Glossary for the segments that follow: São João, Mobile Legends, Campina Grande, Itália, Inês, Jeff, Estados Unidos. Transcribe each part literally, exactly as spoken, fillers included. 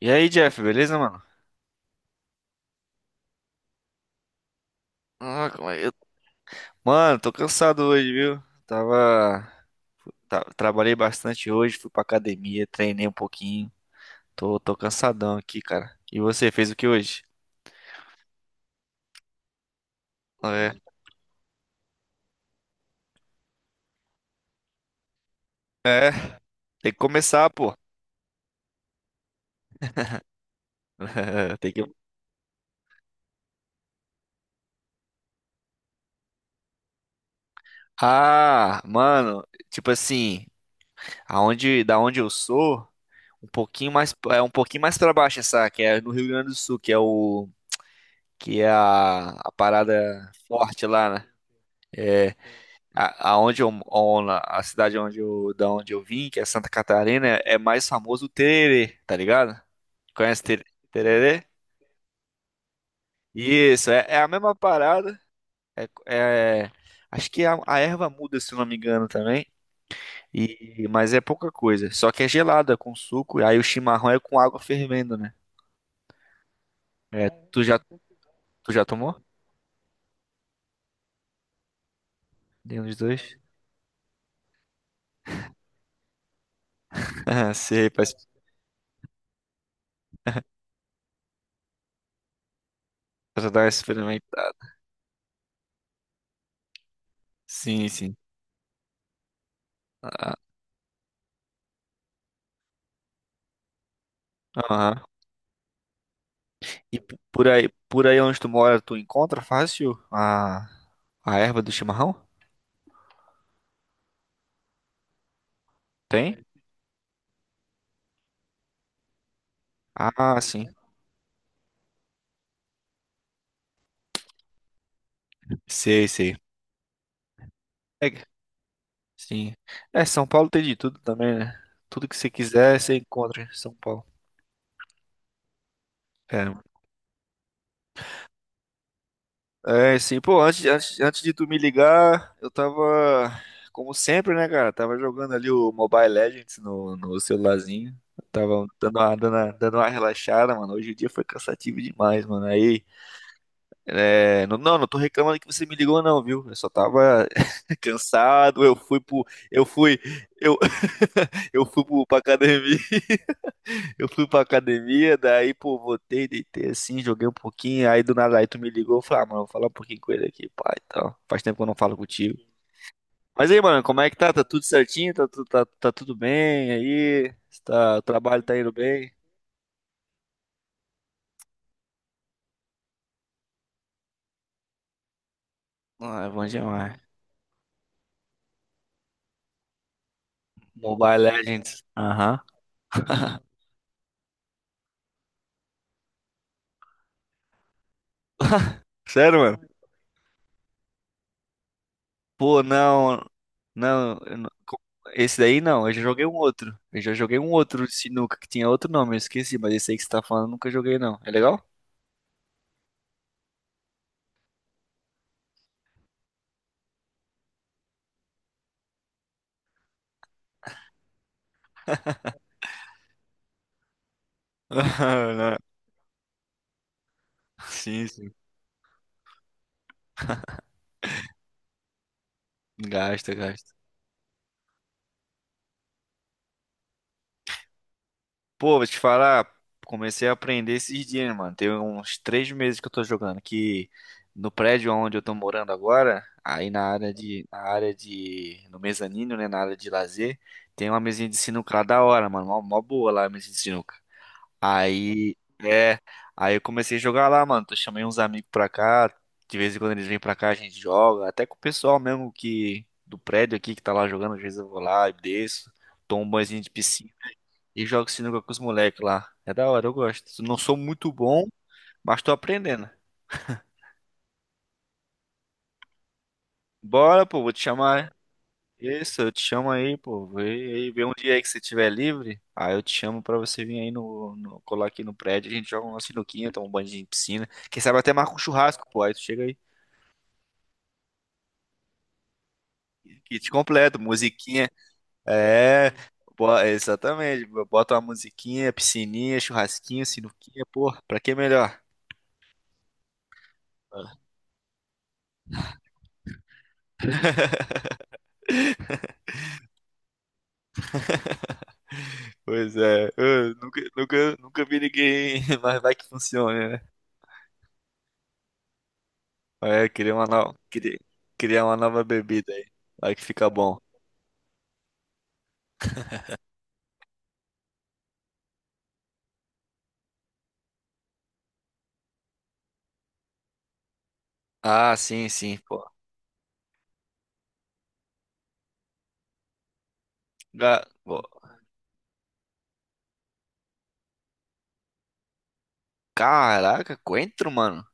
E aí, Jeff, beleza, mano? Ah, como é eu... Mano, tô cansado hoje, viu? Tava... tá- Trabalhei bastante hoje, fui pra academia, treinei um pouquinho. Tô, tô cansadão aqui, cara. E você, fez o que hoje? É, é, tem que começar, pô. Tem que... Ah, mano, tipo assim, aonde, da onde eu sou, um pouquinho mais, é um pouquinho mais pra baixo essa, que é no Rio Grande do Sul, que é o... que é a, a parada forte lá, né? É, A, aonde eu, on- a cidade onde eu, da onde eu vim, que é Santa Catarina, é mais famoso o tererê, tá ligado? Conhece ter- tererê? Isso, é, é a mesma parada. É, é- acho que a, a erva muda, se eu não me engano, também. E, mas é pouca coisa. Só que é gelada, com suco. E aí o chimarrão é com água fervendo, né? É, tu já, tu já tomou? Nenhum dos dois? Ah, sei, pra, pra dar uma experimentada. Sim, sim. Ah, aham. E p- por aí, por aí onde tu mora, tu encontra fácil a, a erva do chimarrão? Tem? Ah, sim. Sei, sei. É, sim. É, São Paulo tem de tudo também, né? Tudo que você quiser, você encontra em São Paulo. É, é sim. Pô, antes, antes, antes de tu me ligar, eu tava, como sempre, né, cara? Tava jogando ali o Mobile Legends no, no celularzinho. Tava dando uma, dando uma, dando uma relaxada, mano. Hoje o dia foi cansativo demais, mano. Aí. É, não, não, não tô reclamando que você me ligou, não, viu? Eu só tava cansado, eu fui pro. Eu fui. Eu, eu fui pro, pra academia. Eu fui pra academia, daí, pô, voltei, deitei assim, joguei um pouquinho. Aí do nada aí tu me ligou, eu falei, ah, mano, vou falar um pouquinho com ele aqui, pai. Então, faz tempo que eu não falo contigo. Mas aí, mano, como é que tá? Tá tudo certinho? Tá, tu- tá, tá tudo bem aí? Tá, o trabalho tá indo bem? Ah, é bom demais. Mobile Legends. Aham. Sério, mano? Pô, não. Não, eu não- co- esse daí não, eu já joguei um outro. Eu já joguei um outro de sinuca que tinha outro nome, eu esqueci, mas esse aí que você tá falando eu nunca joguei não. É legal? Ah, não. Sim, sim. Gasta, gasta. Pô, vou te falar, comecei a aprender esses dias, mano. Tem uns três meses que eu tô jogando, que no prédio onde eu tô morando agora, aí na área de, na área de, no mezanino, né, na área de lazer, tem uma mesinha de sinuca lá da hora, mano, mó, mó boa lá a mesinha de sinuca. Aí, é, aí eu comecei a jogar lá, mano. Eu chamei uns amigos pra cá. De vez em quando eles vêm pra cá, a gente joga. Até com o pessoal mesmo que do prédio aqui que tá lá jogando, às vezes eu vou lá e desço, tomo um banhozinho de piscina e jogo sinuca com os moleques lá. É da hora, eu gosto. Não sou muito bom, mas tô aprendendo. Bora, pô, vou te chamar. Isso, eu te chamo aí, pô. Vê, aí, vê um dia aí que você estiver livre. Aí eu te chamo pra você vir aí no, no- colar aqui no prédio. A gente joga uma sinuquinha, toma um banho de piscina. Quem sabe até marca um churrasco, pô. Aí tu chega aí. Kit completo, musiquinha. É, bo- exatamente. Bota uma musiquinha, piscininha, churrasquinho, sinuquinha, pô. Pra que melhor? Ah, pois é, eu nunca, nunca, nunca vi ninguém, mas vai que funcione, né? É, criar uma nova, criar uma nova bebida aí. Vai que fica bom. Ah, sim, sim, pô. Ga- pô. Caraca, coentro, mano.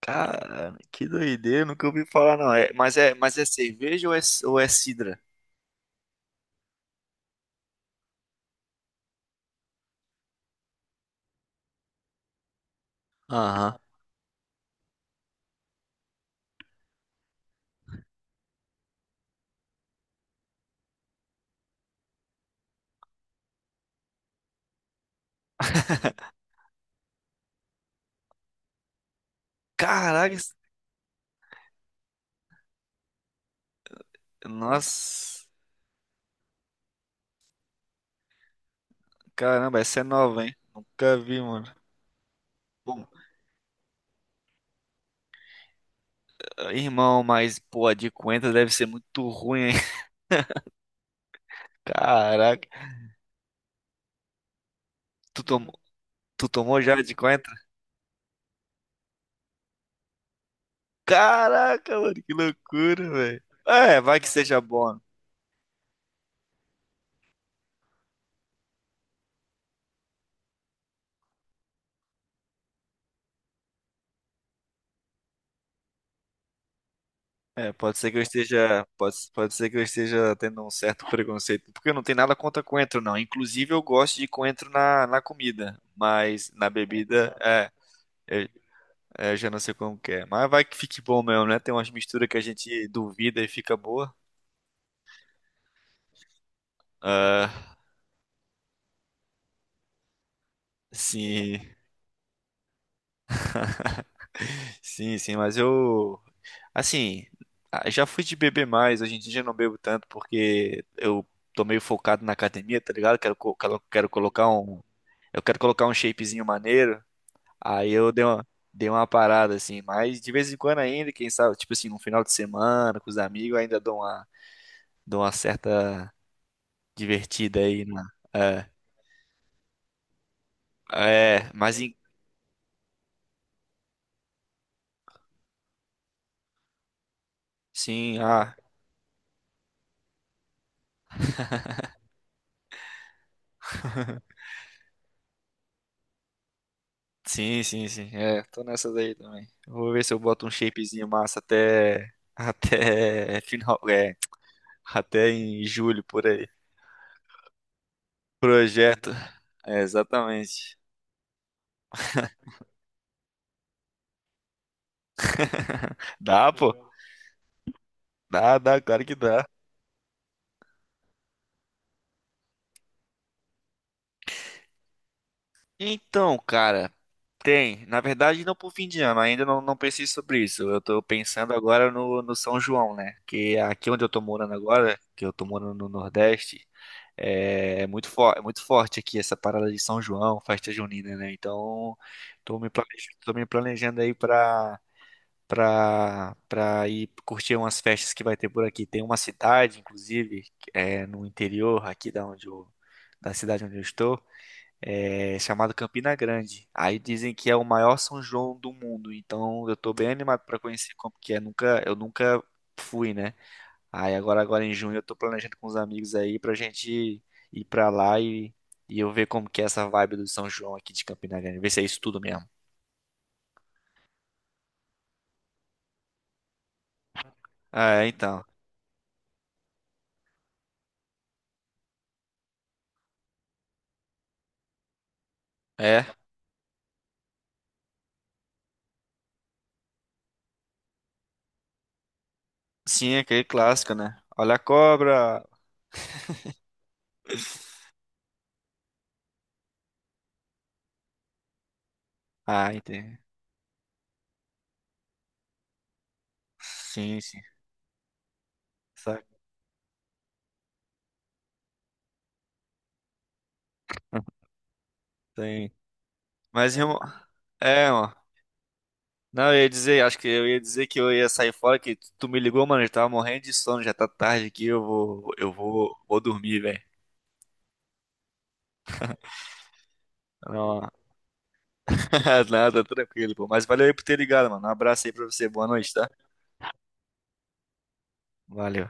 Cara, que doideira, nunca ouvi falar não. É, mas é, mas é cerveja ou é, ou é sidra? Aham. Caraca, esse- nossa. Caramba, essa é nova, hein? Nunca vi, mano. Bom, irmão, mas pô, a de coentro deve ser muito ruim, hein? Caraca. Tu tomou, tu tomou já a de coentro? Caraca, mano, que loucura, velho. É, vai que seja bom. É, pode ser que eu esteja, pode, pode ser que eu esteja tendo um certo preconceito, porque eu não tenho nada contra coentro, não. Inclusive, eu gosto de coentro na, na comida, mas na bebida, é, eu, é, eu já não sei como que é. Mas vai que fique bom mesmo, né? Tem umas misturas que a gente duvida e fica boa. Ah, sim, sim, sim, mas eu, assim, ah, já fui de beber mais, hoje em dia já não bebo tanto, porque eu tô meio focado na academia, tá ligado? Quero, co- quero, quero colocar um, eu quero colocar um shapezinho maneiro. Aí eu dei uma, dei uma parada, assim, mas de vez em quando ainda, quem sabe, tipo assim, no final de semana, com os amigos, eu ainda dou uma, dou uma certa divertida aí na. É, é, mas em- sim, ah, sim, sim, sim, é, tô nessa daí também. Vou ver se eu boto um shapezinho massa até, até final, é, até em julho, por aí. Projeto, é, exatamente. Dá, pô, dá, dá, claro que dá. Então, cara, tem. Na verdade, não pro fim de ano, ainda não, não pensei sobre isso. Eu tô pensando agora no, no São João, né? Que é aqui onde eu tô morando agora, que eu tô morando no Nordeste, é, é muito, fo é muito forte aqui essa parada de São João, festa junina, né? Então, tô me planejando, tô me planejando aí pra, pra, pra ir curtir umas festas que vai ter por aqui. Tem uma cidade, inclusive, que é, no interior aqui da onde eu, da cidade onde eu estou, é, chamado Campina Grande. Aí dizem que é o maior São João do mundo, então eu tô bem animado pra conhecer como que é. Nunca, eu nunca fui, né? Aí agora, agora em junho eu tô planejando com os amigos aí pra gente ir pra lá e, e eu ver como que é essa vibe do São João aqui de Campina Grande, ver se é isso tudo mesmo. Ah, é, então. É, sim, é aquele clássico, né? Olha a cobra. Ah, entendi. Sim, sim. Saca. Tem. Mas, irmão, é, ó. Não, eu ia dizer, acho que eu ia dizer que eu ia sair fora, que tu me ligou, mano, eu tava morrendo de sono, já tá tarde aqui, eu vou, eu vou, vou dormir, velho. Não, nada, tranquilo, pô. Mas valeu aí por ter ligado, mano. Um abraço aí pra você, boa noite, tá? Valeu.